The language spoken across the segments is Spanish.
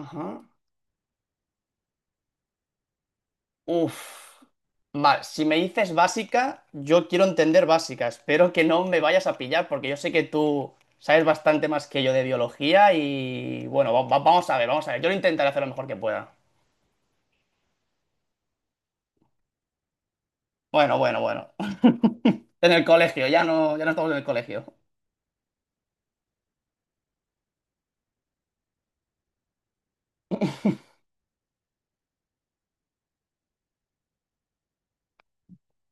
Ajá. Uf. Vale, si me dices básica, yo quiero entender básica. Espero que no me vayas a pillar porque yo sé que tú sabes bastante más que yo de biología y bueno, vamos a ver, vamos a ver. Yo lo intentaré hacer lo mejor que pueda. Bueno, bueno, bueno. En el colegio, ya no, ya no estamos en el colegio.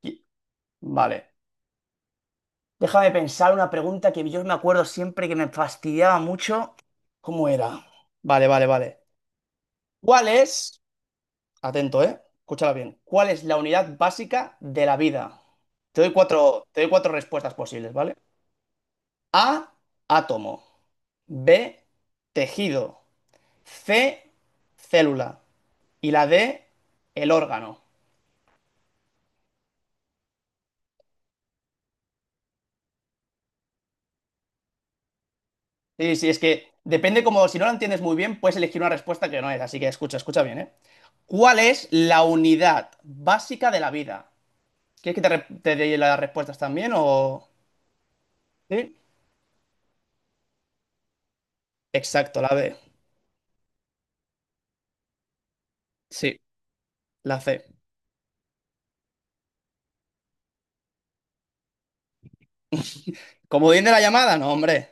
Y- Vale. Déjame pensar una pregunta que yo me acuerdo siempre que me fastidiaba mucho. ¿Cómo era? Vale, vale, vale. ¿Cuál es? Atento, ¿eh? Escúchala bien. ¿Cuál es la unidad básica de la vida? Te doy cuatro respuestas posibles, ¿vale? A, átomo. B, tejido. C, célula. Y la D, el órgano. Sí, sí, es que depende como, si no la entiendes muy bien, puedes elegir una respuesta que no es. Así que escucha, escucha bien, ¿eh? ¿Cuál es la unidad básica de la vida? ¿Quieres que te, te dé las respuestas también o...? Sí. Exacto, la B. Sí, la C. Comodín de la llamada, no, hombre.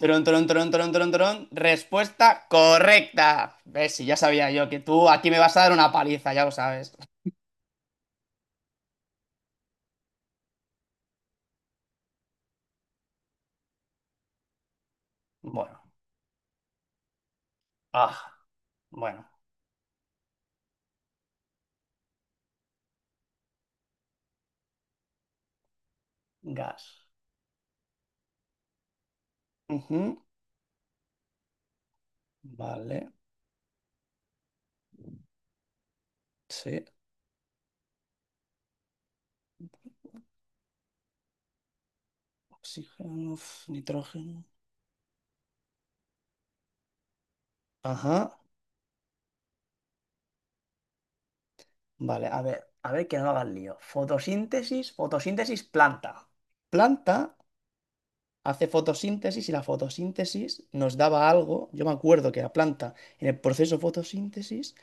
Tron, tron, tron, tron, tron, tron. Respuesta correcta. Ves, si ya sabía yo que tú aquí me vas a dar una paliza, ya lo sabes. Bueno, ah, bueno, gas. Ujú, vale, sí. Oxígeno, uf, nitrógeno. Ajá, vale, a ver que no hagas lío. Fotosíntesis, fotosíntesis, planta. Planta hace fotosíntesis y la fotosíntesis nos daba algo. Yo me acuerdo que la planta en el proceso fotosíntesis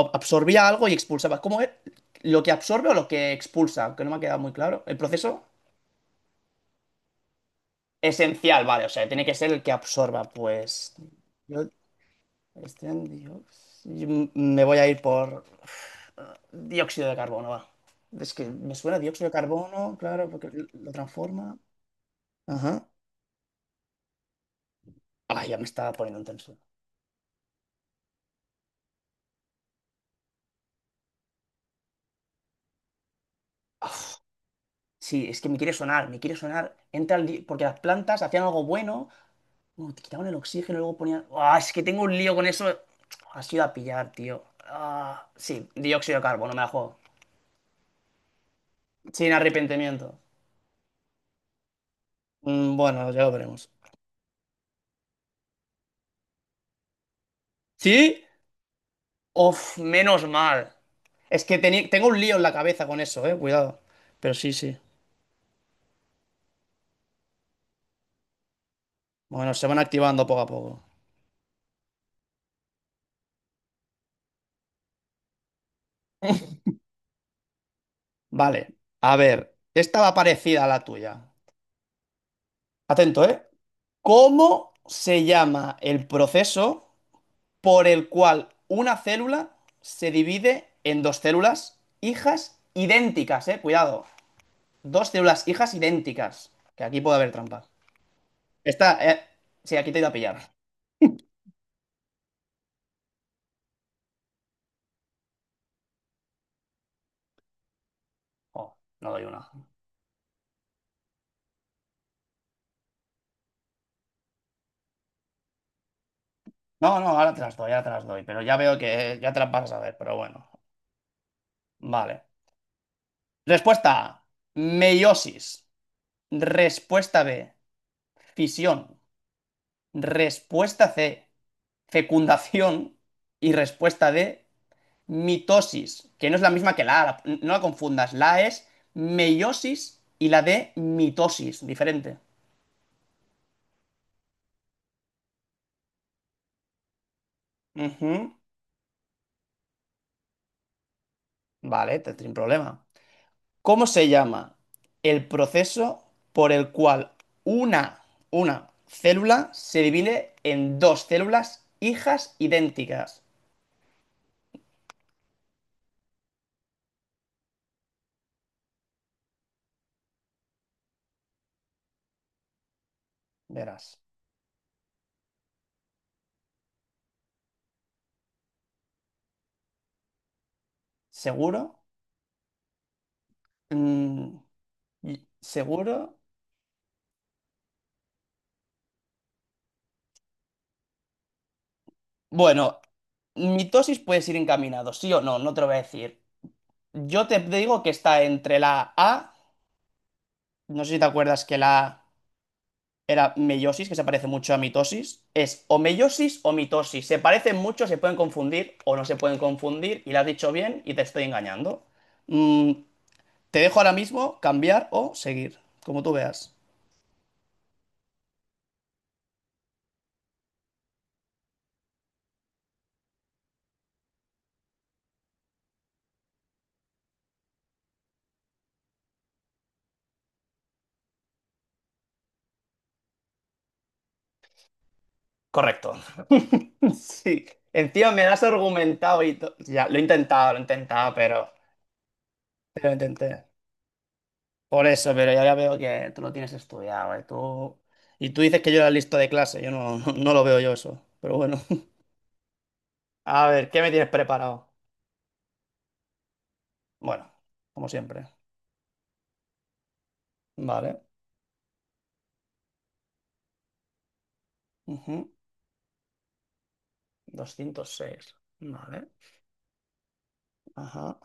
absorbía algo y expulsaba. ¿Cómo es? ¿Lo que absorbe o lo que expulsa? Aunque no me ha quedado muy claro. ¿El proceso? Esencial, vale. O sea, tiene que ser el que absorba. Pues. Yo. este dióxido- yo me voy a ir por. eh, Dióxido de carbono, va. Es que me suena dióxido de carbono, claro, porque lo transforma. Ajá. Ay, ya me estaba poniendo intenso. Uf, Sí, es que me quiere sonar, me quiere sonar. Entra el porque las plantas hacían algo bueno. Bueno, te quitaban el oxígeno y luego ponían. ¡Ah! Es que tengo un lío con eso. Has ido a pillar, tío. Ah, sí, dióxido de carbono, me la juego. Sin arrepentimiento. Mm, bueno, ya lo veremos. ¿Sí? Uf, menos mal. Es que tengo un lío en la cabeza con eso, cuidado. Pero sí, sí. Bueno, se van activando poco a poco. Vale, a ver. Esta va parecida a la tuya. Atento, ¿eh? ¿Cómo se llama el proceso por el cual una célula se divide en dos células hijas idénticas? Eh, cuidado. Dos células hijas idénticas. Que aquí puede haber trampa. Esta, sí, aquí te he ido a pillar. Oh, no doy una. No, no, ahora te las doy, ahora te las doy. Pero ya veo que ya te las vas a saber, pero bueno. Vale. Respuesta A, meiosis. Respuesta B, fisión. Respuesta C, fecundación. Y respuesta D, mitosis, que no es la misma que la A, no la confundas. La A es meiosis y la D mitosis, diferente. Ujú, vale, te sin problema. ¿Cómo se llama el proceso por el cual una, una célula se divide en dos células hijas idénticas? Verás. ¿Seguro? Mm, ¿seguro? Bueno, mitosis puedes ir encaminado, sí o no, no te lo voy a decir. Yo te digo que está entre la A, no sé si te acuerdas que la A era meiosis, que se parece mucho a mitosis. Es o meiosis o mitosis. Se parecen mucho, se pueden confundir o no se pueden confundir, y la has dicho bien y te estoy engañando. Mm, te dejo ahora mismo cambiar o seguir, como tú veas. Correcto. Sí. Encima me lo has argumentado y ya, lo he intentado, pero... Pero lo intenté. Por eso, pero ya veo que tú lo tienes estudiado, ¿eh? Tú... Y tú dices que yo era listo de clase, yo no, no lo veo yo eso, pero bueno. A ver, ¿qué me tienes preparado? Bueno, como siempre. Vale. Ujú. 206, vale. Ajá.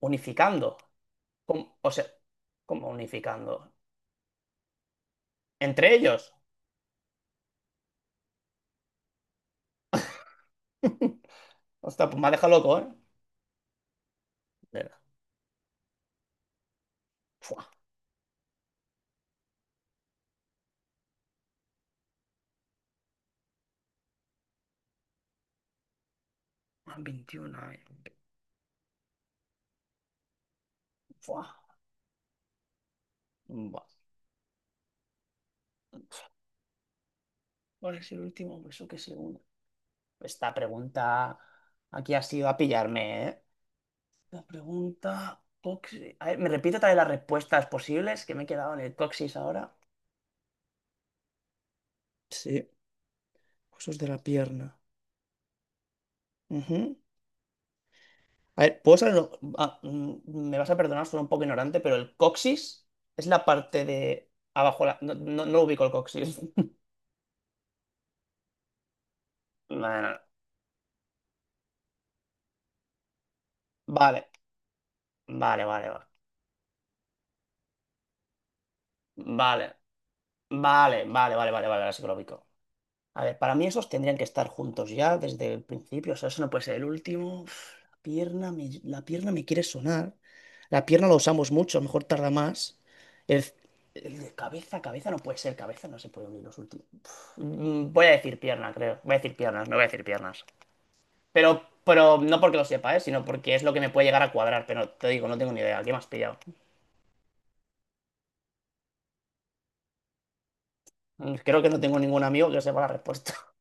Unificando. O sea, ¿cómo unificando? ¿Entre ellos? Ostras, pues me ha dejado loco, ¿eh? Espera. Fuah. 21, eh. Fuah. Buah. ¿Cuál es el último beso que se une? Esta pregunta aquí ha sido a pillarme, ¿eh? La pregunta. A ver, ¿me repite otra vez las respuestas posibles que me he quedado en el coxis ahora? Sí, huesos de la pierna. Ujú. A ver, ¿puedo saber? Ah, mm, me vas a perdonar, soy un poco ignorante, pero el coxis es la parte de abajo. No, no, no ubico el coxis. Bueno, vale, vale, vale, vale. Vale, vale, vale, vale, vale, vale, ahora sí que lo ubico. A ver, para mí esos tendrían que estar juntos ya desde el principio. O sea, eso no puede ser el último. Uf, la pierna me quiere sonar. La pierna la usamos mucho, a lo mejor tarda más. El, el de cabeza, cabeza no puede ser, cabeza no se puede unir los últimos. Uf, mm, voy a decir pierna, creo. Voy a decir piernas, no voy a decir piernas. Pero no porque lo sepa, ¿eh? Sino porque es lo que me puede llegar a cuadrar. Pero te digo, no tengo ni idea. ¿Qué me has pillado? Mm, creo que no tengo ningún amigo que sepa la respuesta.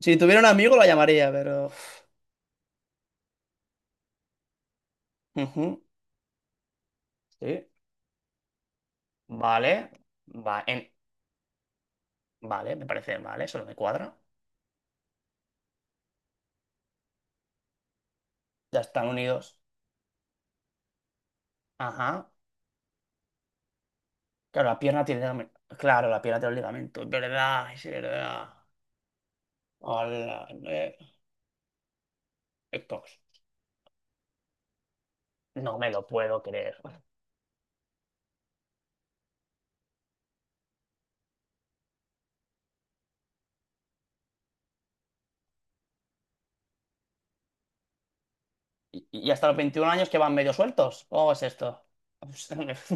Si tuviera un amigo lo llamaría, pero... uf. Ujú, sí. Vale, va en, vale, me parece, vale, solo me cuadra. Ya están unidos. Ajá. Claro, la pierna tiene ligamen- claro, la pierna tiene los ligamentos. Es verdad, es verdad. Hola, estos. No me lo puedo creer. Y hasta los 21 años que van medio sueltos? ¿Cómo es esto?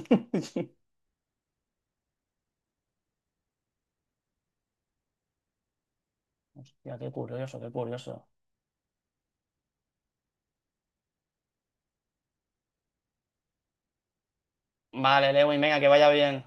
Hostia, qué curioso, qué curioso. Vale, Lewin, venga, que vaya bien.